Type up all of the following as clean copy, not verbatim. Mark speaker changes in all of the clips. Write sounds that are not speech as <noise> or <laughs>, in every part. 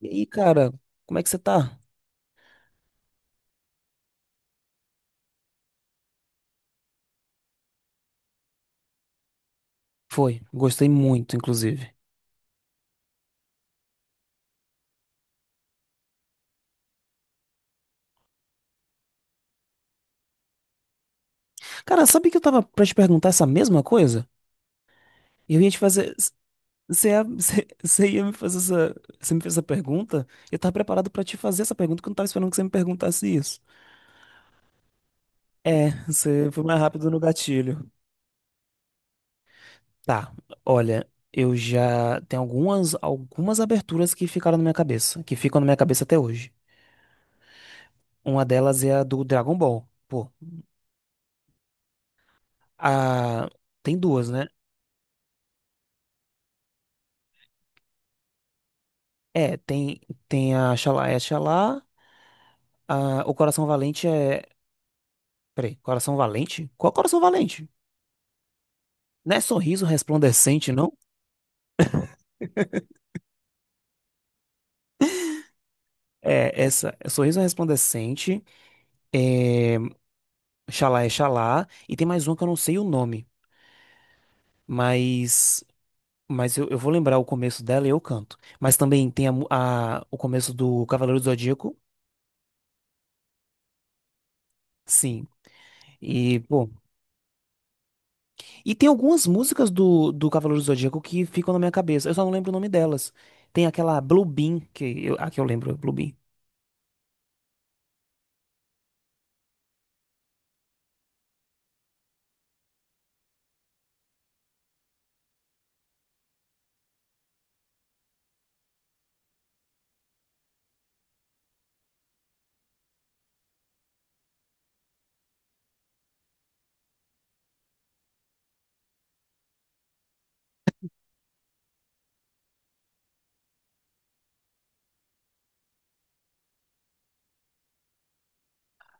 Speaker 1: E aí, cara, como é que você tá? Foi, gostei muito, inclusive. Cara, sabe que eu tava pra te perguntar essa mesma coisa? E eu ia te fazer. Você ia, <laughs> você ia me fazer essa. Você me fez essa pergunta? Eu tava preparado pra te fazer essa pergunta, que eu não tava esperando que você me perguntasse isso. É, você foi mais rápido no gatilho. Tá, olha, eu já. Tem algumas aberturas que ficaram na minha cabeça, que ficam na minha cabeça até hoje. Uma delas é a do Dragon Ball. Pô, a. Tem duas, né? É, tem, tem a Xalá é Xalá, a, o Coração Valente é. Peraí, Coração Valente? Qual Coração Valente? Não é Sorriso Resplandecente, não? É, essa. É Sorriso Resplandecente, é, é Xalá, e tem mais uma que eu não sei o nome, mas. Mas eu vou lembrar o começo dela e eu canto. Mas também tem a, mu- a- o começo do Cavaleiro do Zodíaco, sim. E, pô, e tem algumas músicas do, do Cavaleiro do Zodíaco que ficam na minha cabeça. Eu só não lembro o nome delas. Tem aquela Blue Beam, que eu, a que eu lembro, Blue Beam.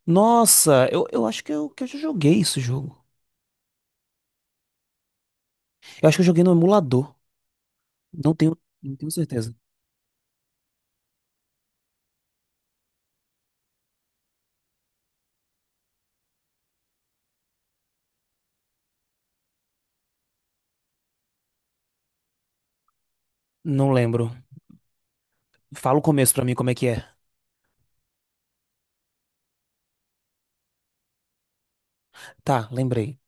Speaker 1: Nossa, eu acho que eu já joguei esse jogo. Eu acho que eu joguei no emulador. Não tenho, não tenho certeza. Não lembro. Fala o começo pra mim como é que é. Tá, lembrei.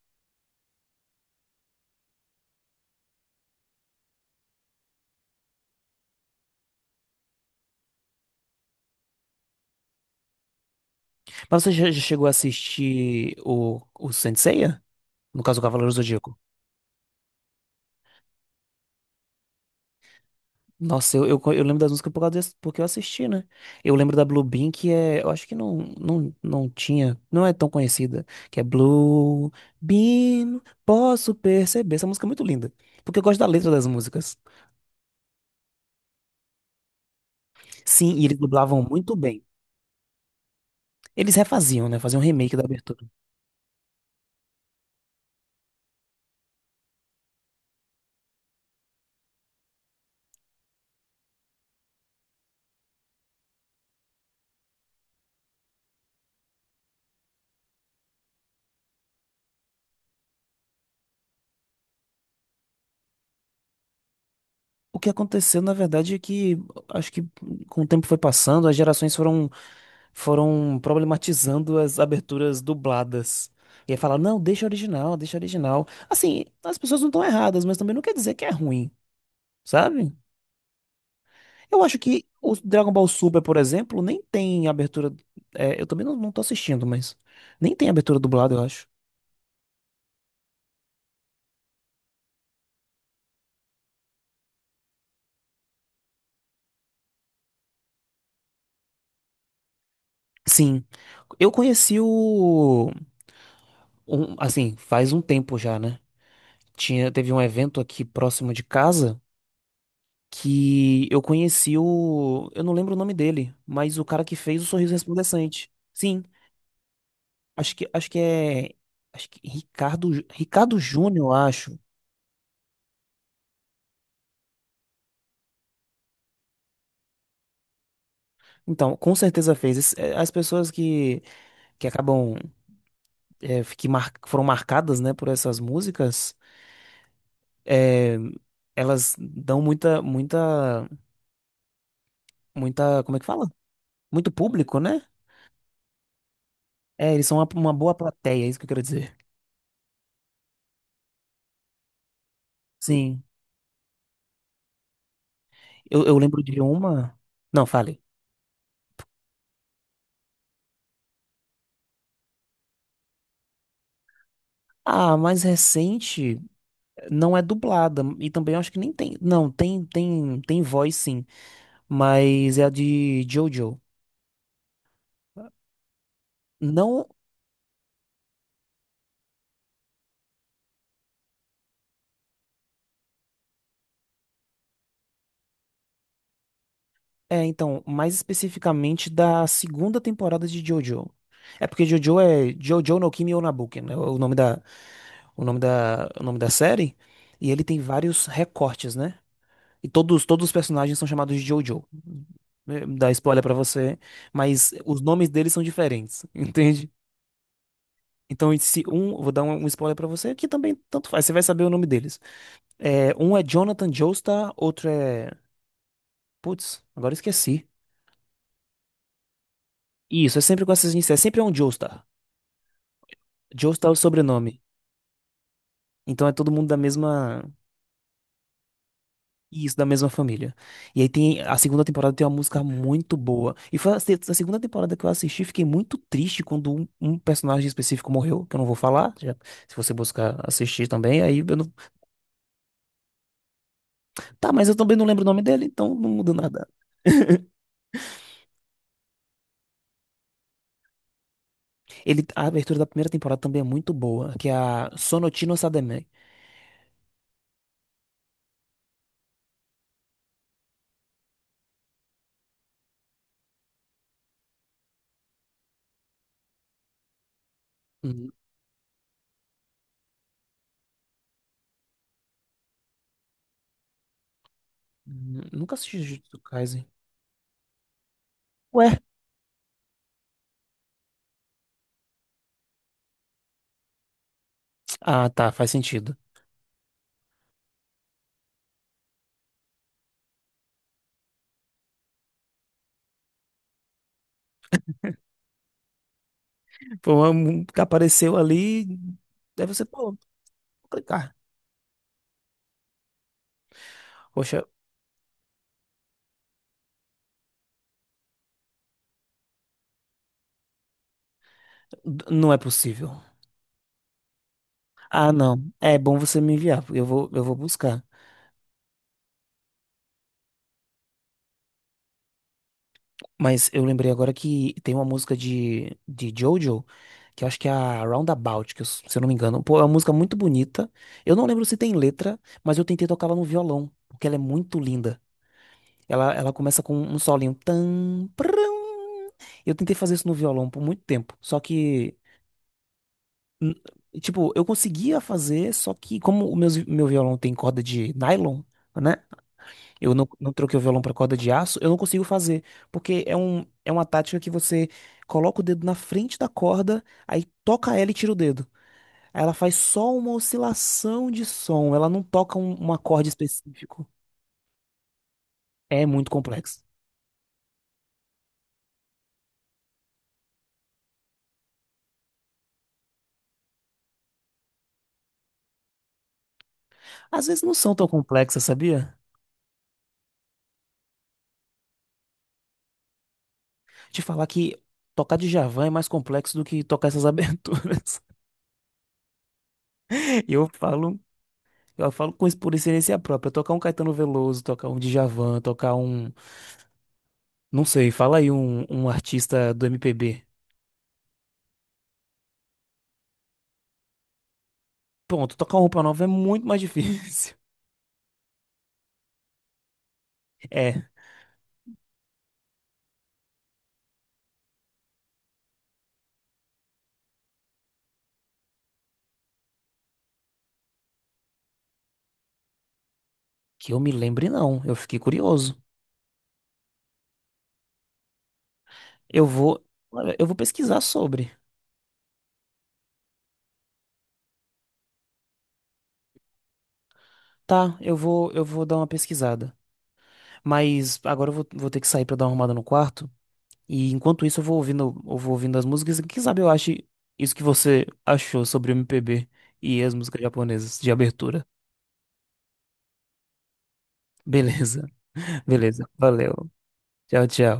Speaker 1: Mas você já, já chegou a assistir o Saint Seiya? No caso, o Cavaleiro do Zodíaco. Nossa, eu lembro das músicas por causa desse, porque eu assisti, né? Eu lembro da Blue Bean, que é. Eu acho que não, não, não tinha. Não é tão conhecida. Que é Blue Bean, posso perceber. Essa música é muito linda. Porque eu gosto da letra das músicas. Sim, e eles dublavam muito bem. Eles refaziam, né? Faziam um remake da abertura. O que aconteceu, na verdade, é que acho que com o tempo foi passando, as gerações foram foram problematizando as aberturas dubladas. E aí fala, não, deixa original, deixa original. Assim, as pessoas não estão erradas, mas também não quer dizer que é ruim, sabe? Eu acho que o Dragon Ball Super, por exemplo, nem tem abertura. É, eu também não, não tô assistindo, mas nem tem abertura dublada, eu acho. Sim. Eu conheci o. Um- assim, faz um tempo já, né? Tinha, teve um evento aqui próximo de casa. Que eu conheci o, eu não lembro o nome dele, mas o cara que fez o Sorriso Resplandecente. Sim, acho que é acho que Ricardo Jú- Ricardo Júnior, eu acho. Então, com certeza fez. Esse- é, as pessoas que acabam é, que mar- foram marcadas, né, por essas músicas, é, elas dão muita muita muita, como é que fala? Muito público, né? É, eles são uma boa plateia, é isso que eu quero dizer. Sim. Eu lembro de uma. Não, fale. Ah, a mais recente não é dublada e também acho que nem tem. Não, tem voz sim, mas é a de JoJo. Não é, então, mais especificamente da segunda temporada de JoJo. É porque JoJo é JoJo no Kimi Onabuken, né? O nome da o nome da o nome da série, e ele tem vários recortes, né? E todos os personagens são chamados de JoJo. Eh, dá spoiler pra você, mas os nomes deles são diferentes, <laughs> entende? Então, se um, vou dar um, um spoiler pra você, que também tanto faz, você vai saber o nome deles. É, um é Jonathan Joestar, outro é. Putz, agora eu esqueci. Isso, é sempre com essas iniciais, sempre é um Joestar. Joestar é o sobrenome. Então é todo mundo da mesma. Isso, da mesma família. E aí tem. A segunda temporada tem uma música muito boa. E foi a, se- a segunda temporada que eu assisti, fiquei muito triste quando um personagem específico morreu, que eu não vou falar. Já- se você buscar assistir também, aí eu não. Tá, mas eu também não lembro o nome dele, então não muda nada. Ele, a abertura da primeira temporada também é muito boa, que é a Sonochi no Sademe. Hum, Nunca assisti Jujutsu Kaisen. Ué? Ah, tá, faz sentido. Foi uma mu- que apareceu ali, deve ser, pô, vou clicar. Poxa, d- não é possível. Ah, não. É bom você me enviar, porque eu vou buscar. Mas eu lembrei agora que tem uma música de Jojo, que eu acho que é a Roundabout, que eu s- se eu não me engano. Pô, é uma música muito bonita. Eu não lembro se tem letra, mas eu tentei tocar ela no violão, porque ela é muito linda. Ela começa com um solinho. Tan, prum. Eu tentei fazer isso no violão por muito tempo, só que, n- tipo, eu conseguia fazer, só que como o meu, meu violão tem corda de nylon, né? Eu não, não troquei o violão pra corda de aço, eu não consigo fazer, porque é um, é uma tática que você coloca o dedo na frente da corda, aí toca ela e tira o dedo. Aí ela faz só uma oscilação de som, ela não toca um, um acorde específico. É muito complexo. Às vezes não são tão complexas, sabia? Te falar que tocar Djavan é mais complexo do que tocar essas <laughs> aberturas. E Eu falo com isso por experiência própria. Tocar um Caetano Veloso, tocar um Djavan, tocar um, não sei, fala aí um artista do MPB. Pronto, tocar uma roupa nova é muito mais difícil. <laughs> É, que eu me lembre não, eu fiquei curioso. Eu vou, olha, eu vou pesquisar sobre. Tá, eu vou dar uma pesquisada. Mas agora eu vou, vou ter que sair pra dar uma arrumada no quarto. E enquanto isso eu vou ouvindo as músicas. Quem sabe eu ache isso que você achou sobre o MPB e as músicas japonesas de abertura. Beleza, <laughs> beleza. Valeu. Tchau, tchau.